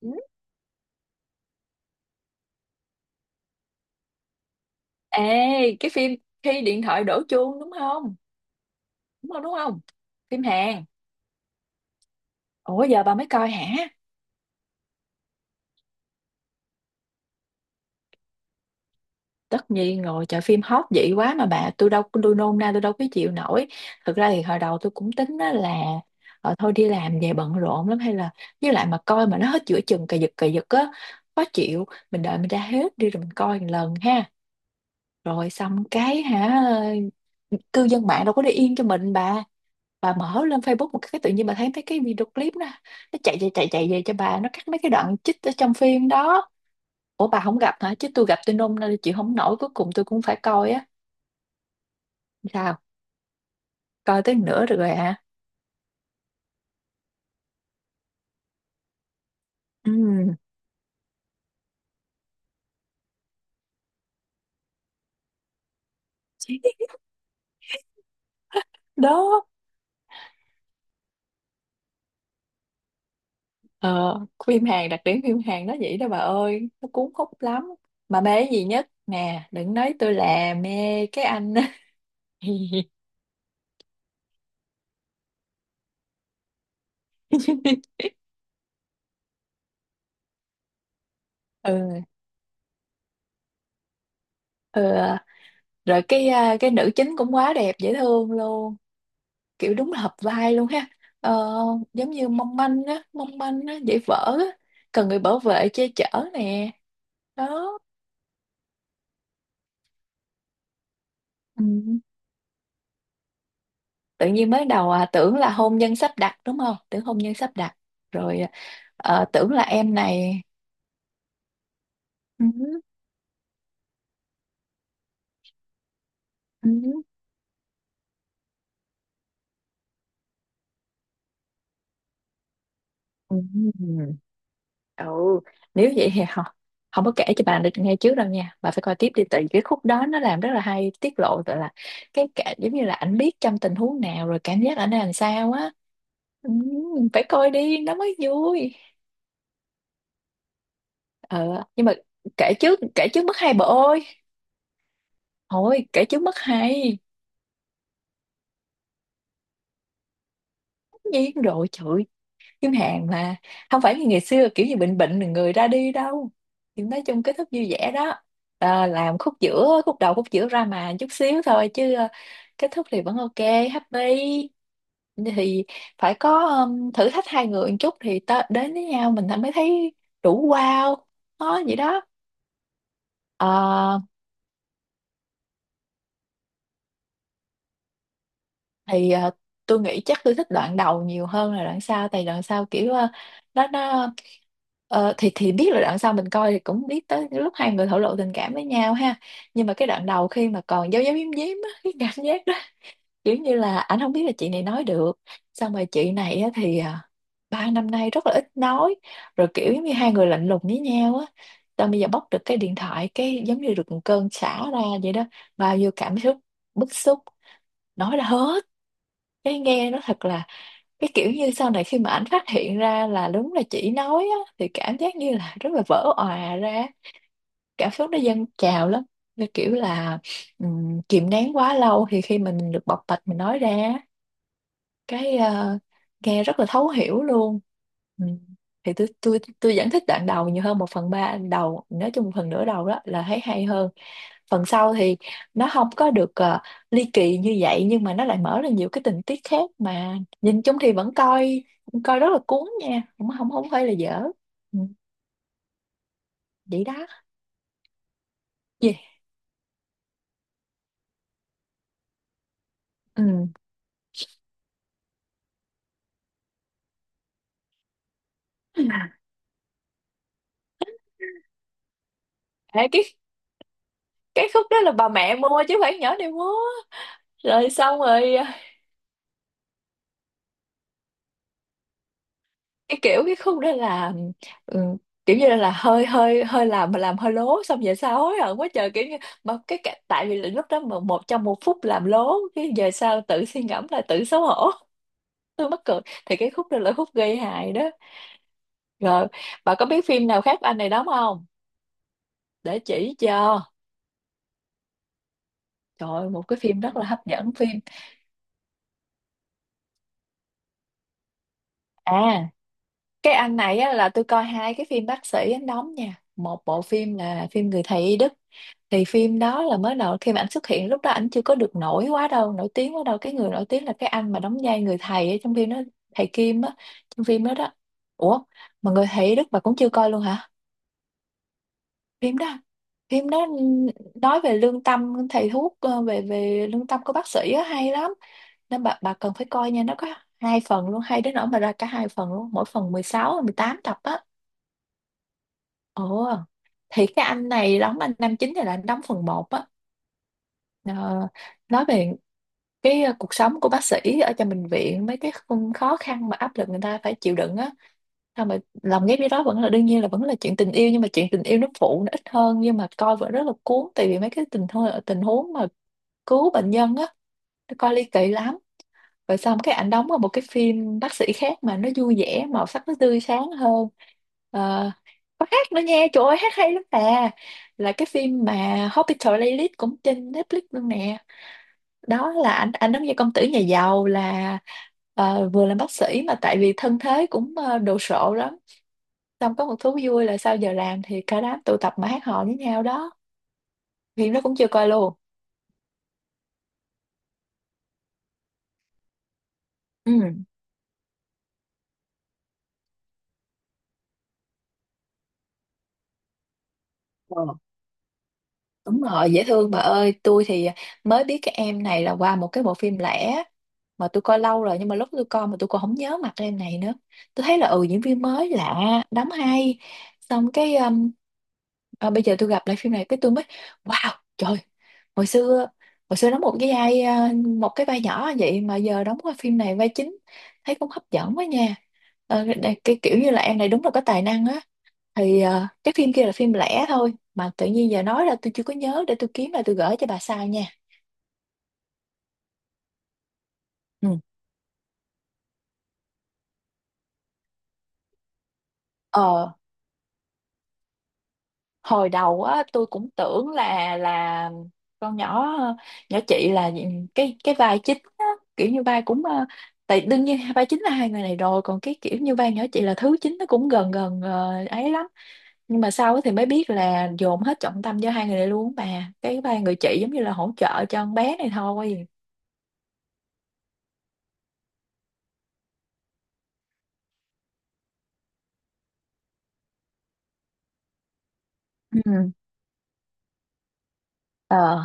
Ừ. Ê, cái phim khi điện thoại đổ chuông đúng không? Đúng không, đúng không? Phim Hàn. Ủa giờ bà mới coi hả? Tất nhiên rồi, trời phim hot vậy quá mà bà, tôi nôn na tôi đâu có chịu nổi. Thực ra thì hồi đầu tôi cũng tính á là thôi đi làm về bận rộn lắm, hay là với lại mà coi mà nó hết giữa chừng cà giật á khó chịu, mình đợi mình ra hết đi rồi mình coi một lần ha. Rồi xong cái hả, cư dân mạng đâu có để yên cho mình, Bà mở lên Facebook một cái tự nhiên bà thấy mấy cái video clip đó, nó chạy chạy chạy chạy về cho bà, nó cắt mấy cái đoạn chích ở trong phim đó. Ủa bà không gặp hả? Chứ tôi gặp, tôi nôn nên chịu không nổi, cuối cùng tôi cũng phải coi á. Sao coi tới nửa được rồi hả? Ừ. Đó, ờ, phim Hàn, đặc điểm phim Hàn nó vậy đó bà ơi, nó cuốn hút lắm. Mà mê cái gì nhất nè, đừng nói tôi là mê cái anh. Ừ. Ừ, rồi cái cái nữ chính cũng quá đẹp, dễ thương luôn, kiểu đúng là hợp vai luôn ha. ờ, Giống như mong manh á, mong manh á, dễ vỡ á, cần người bảo vệ che chở, nè, đó. Ừ. Tự nhiên mới đầu tưởng là hôn nhân sắp đặt đúng không, tưởng hôn nhân sắp đặt, rồi tưởng là em này. Ừ. Ừ. Ừ. Ừ. Nếu vậy thì không, không có kể cho bà được nghe trước đâu nha, bà phải coi tiếp đi, tại vì cái khúc đó nó làm rất là hay, tiết lộ gọi là, cái cả giống như là ảnh biết trong tình huống nào rồi cảm giác ảnh làm sao á. Ừ, phải coi đi nó mới vui. Ờ nhưng mà kể trước, kể trước mất hay bà ơi. Thôi kể trước mất hay. Tất nhiên rồi trời, kiếm hàng mà. Không phải như ngày xưa kiểu như bệnh bệnh rồi người ra đi đâu, thì nói chung kết thúc vui vẻ đó. Làm khúc giữa, khúc đầu khúc giữa ra mà chút xíu thôi chứ kết thúc thì vẫn ok, happy. Thì phải có thử thách hai người một chút thì ta đến với nhau mình mới thấy đủ, wow. Đó vậy đó. Ờ, thì à, tôi nghĩ chắc tôi thích đoạn đầu nhiều hơn là đoạn sau, tại đoạn sau kiểu nó thì biết là đoạn sau mình coi thì cũng biết tới lúc hai người thổ lộ tình cảm với nhau ha. Nhưng mà cái đoạn đầu khi mà còn giấu giấu giếm giếm á, cái cảm giác đó, kiểu như là ảnh không biết là chị này nói được. Xong rồi chị này á thì 3 năm nay rất là ít nói, rồi kiểu giống như hai người lạnh lùng với nhau á. Xong bây giờ bóc được cái điện thoại cái giống như được một cơn xả ra vậy đó, bao nhiêu cảm xúc, bức xúc, nói ra hết, cái nghe nó thật là, cái kiểu như sau này khi mà ảnh phát hiện ra là đúng là chỉ nói á, thì cảm giác như là rất là vỡ òa ra, cảm xúc nó dâng trào lắm. Như kiểu là kìm nén quá lâu thì khi mà mình được bộc bạch mình nói ra, cái nghe rất là thấu hiểu luôn. Ừ. Thì tôi vẫn thích đoạn đầu nhiều hơn, một phần ba đầu, nói chung một phần nửa đầu đó là thấy hay hơn. Phần sau thì nó không có được ly kỳ như vậy, nhưng mà nó lại mở ra nhiều cái tình tiết khác mà, nhìn chung thì vẫn coi, coi rất là cuốn nha, không không không phải là dở. Ừ. Vậy đó. Gì. Ừ. Ê, cái khúc đó là bà mẹ mua chứ không phải nhỏ này mua. Rồi xong rồi, cái kiểu, cái khúc đó là ừ, kiểu như là hơi hơi hơi làm mà làm hơi lố, xong về sau hối hận quá trời, kiểu như, tại vì lúc đó mà 1 phút làm lố cái về sau tự suy ngẫm là tự xấu hổ. Tôi mắc cười. Thì cái khúc đó là khúc gây hại đó. Rồi, bà có biết phim nào khác anh này đóng không, để chỉ cho. Trời ơi, một cái phim rất là hấp dẫn phim, à cái anh này á, là tôi coi hai cái phim bác sĩ anh đóng nha. Một bộ phim là phim Người Thầy Y Đức. Thì phim đó là mới đầu khi mà anh xuất hiện, lúc đó anh chưa có được nổi quá đâu, nổi tiếng quá đâu, cái người nổi tiếng là cái anh mà đóng vai người thầy ở trong phim đó, thầy Kim á. Trong phim đó đó. Ủa, mà Người Thầy Đức bà cũng chưa coi luôn hả, phim đó Phim đó nói về lương tâm thầy thuốc, về về lương tâm của bác sĩ á, hay lắm, nên bà cần phải coi nha. Nó có hai phần luôn, hay đến nỗi mà ra cả hai phần luôn, mỗi phần 16-18 tập á. Ồ. Thì cái anh này đóng, anh Nam chính này là anh đóng phần một á. Ờ, nói về cái cuộc sống của bác sĩ ở trong bệnh viện, mấy cái khung khó khăn mà áp lực người ta phải chịu đựng á, sao mà lòng ghép với đó vẫn là, đương nhiên là vẫn là chuyện tình yêu, nhưng mà chuyện tình yêu nó phụ, nó ít hơn, nhưng mà coi vẫn rất là cuốn, tại vì mấy cái tình huống, tình huống mà cứu bệnh nhân á, nó coi ly kỳ lắm. Rồi xong cái ảnh đóng vào một cái phim bác sĩ khác mà nó vui vẻ, màu sắc nó tươi sáng hơn. Ờ, có hát nữa nha, trời ơi hát hay lắm nè, là cái phim mà Hospital Playlist cũng trên Netflix luôn nè. Đó là anh giống như công tử nhà giàu, là vừa làm bác sĩ mà tại vì thân thế cũng đồ sộ lắm. Xong có một thú vui là sau giờ làm thì cả đám tụ tập mà hát hò với nhau đó. Phim nó cũng chưa coi luôn. Ừ. Ờ, đúng rồi, dễ thương bà ơi. Tôi thì mới biết cái em này là qua một cái bộ phim lẻ mà tôi coi lâu rồi, nhưng mà lúc tôi coi mà tôi còn không nhớ mặt em này nữa, tôi thấy là, ừ, diễn viên mới lạ, đóng hay. Xong cái bây giờ tôi gặp lại phim này cái tôi mới, wow, trời, hồi xưa, đóng một cái vai một cái vai nhỏ vậy mà giờ đóng qua phim này vai chính, thấy cũng hấp dẫn quá nha. Ờ, cái kiểu như là em này đúng là có tài năng á. Thì cái phim kia là phim lẻ thôi, mà tự nhiên giờ nói ra tôi chưa có nhớ, để tôi kiếm lại tôi gửi cho bà sau nha. Ừ. ờ Hồi đầu á, tôi cũng tưởng là con nhỏ nhỏ chị là cái vai chính á, kiểu như vai cũng tại đương nhiên vai chính là hai người này rồi, còn cái kiểu như vai nhỏ chị là thứ chính, nó cũng gần gần ấy lắm. Nhưng mà sau á thì mới biết là dồn hết trọng tâm cho hai người này luôn á, bà, cái vai người chị giống như là hỗ trợ cho con bé này thôi. Ừ. ờ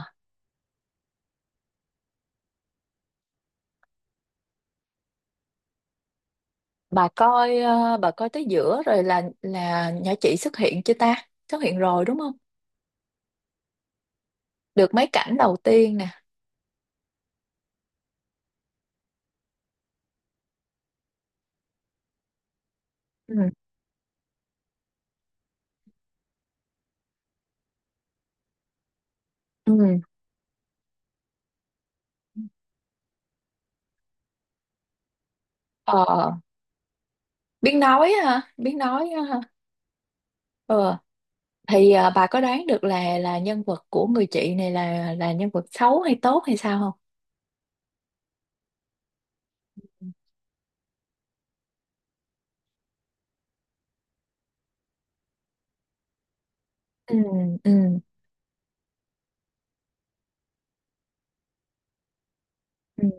bà coi, bà coi tới giữa rồi là nhỏ chị xuất hiện chưa ta? Xuất hiện rồi đúng không? Được mấy cảnh đầu tiên nè. Ừ. Ừ. Ờ, biết nói ha, biết nói ha. Ờ, thì bà có đoán được là nhân vật của người chị này là nhân vật xấu hay tốt hay sao không? Ừ, ừ, ừ.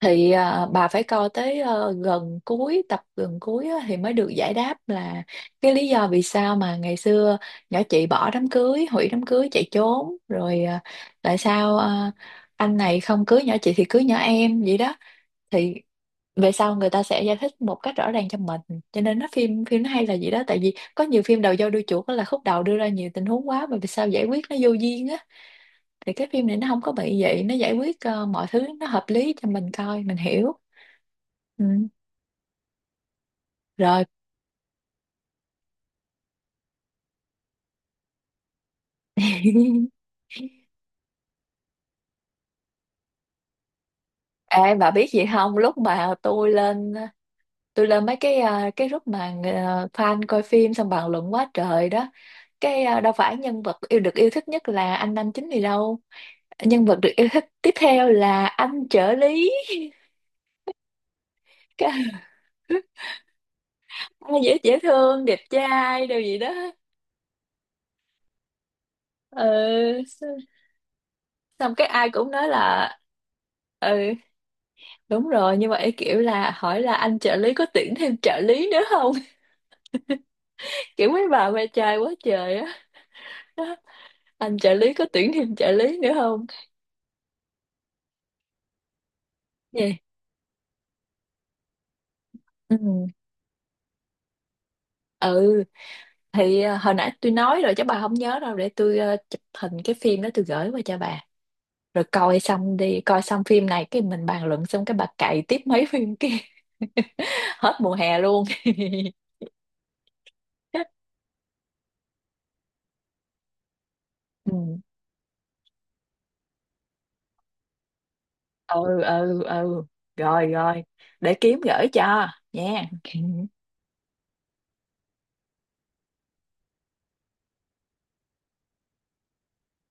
Thì bà phải coi tới gần cuối tập, gần cuối á, thì mới được giải đáp là cái lý do vì sao mà ngày xưa nhỏ chị bỏ đám cưới, hủy đám cưới chạy trốn, rồi tại sao anh này không cưới nhỏ chị thì cưới nhỏ em vậy đó. Thì về sau người ta sẽ giải thích một cách rõ ràng cho mình, cho nên nó phim phim nó hay là gì đó, tại vì có nhiều phim đầu dâu đuôi chuột á là khúc đầu đưa ra nhiều tình huống quá mà vì sao giải quyết nó vô duyên á. Thì cái phim này nó không có bị vậy, nó giải quyết mọi thứ nó hợp lý cho mình coi mình hiểu. Ừ. Rồi. Ê, bà biết gì không, lúc mà tôi lên mấy cái cái group mà fan coi phim xong bàn luận quá trời đó, cái đâu phải nhân vật yêu được yêu thích nhất là anh nam chính gì đâu, nhân vật được yêu thích tiếp theo là anh trợ lý. Cái- Ai dễ dễ thương, đẹp trai đồ gì đó. Ừ. x- Xong cái ai cũng nói là, ừ, đúng rồi, nhưng mà ấy kiểu là hỏi là anh trợ lý có tuyển thêm trợ lý nữa không. Kiểu mấy bà ve chai quá trời á. Anh trợ lý có tuyển thêm trợ lý nữa không. Vậy. Ừ. Ừ. Thì hồi nãy tôi nói rồi chứ bà không nhớ đâu, để tôi chụp hình cái phim đó tôi gửi qua cho bà, rồi coi xong đi, coi xong phim này cái mình bàn luận, xong cái bà cày tiếp mấy phim kia. Hết mùa hè luôn. Ừ ừ ừ. Ừ. Rồi rồi, để kiếm gửi cho, nha.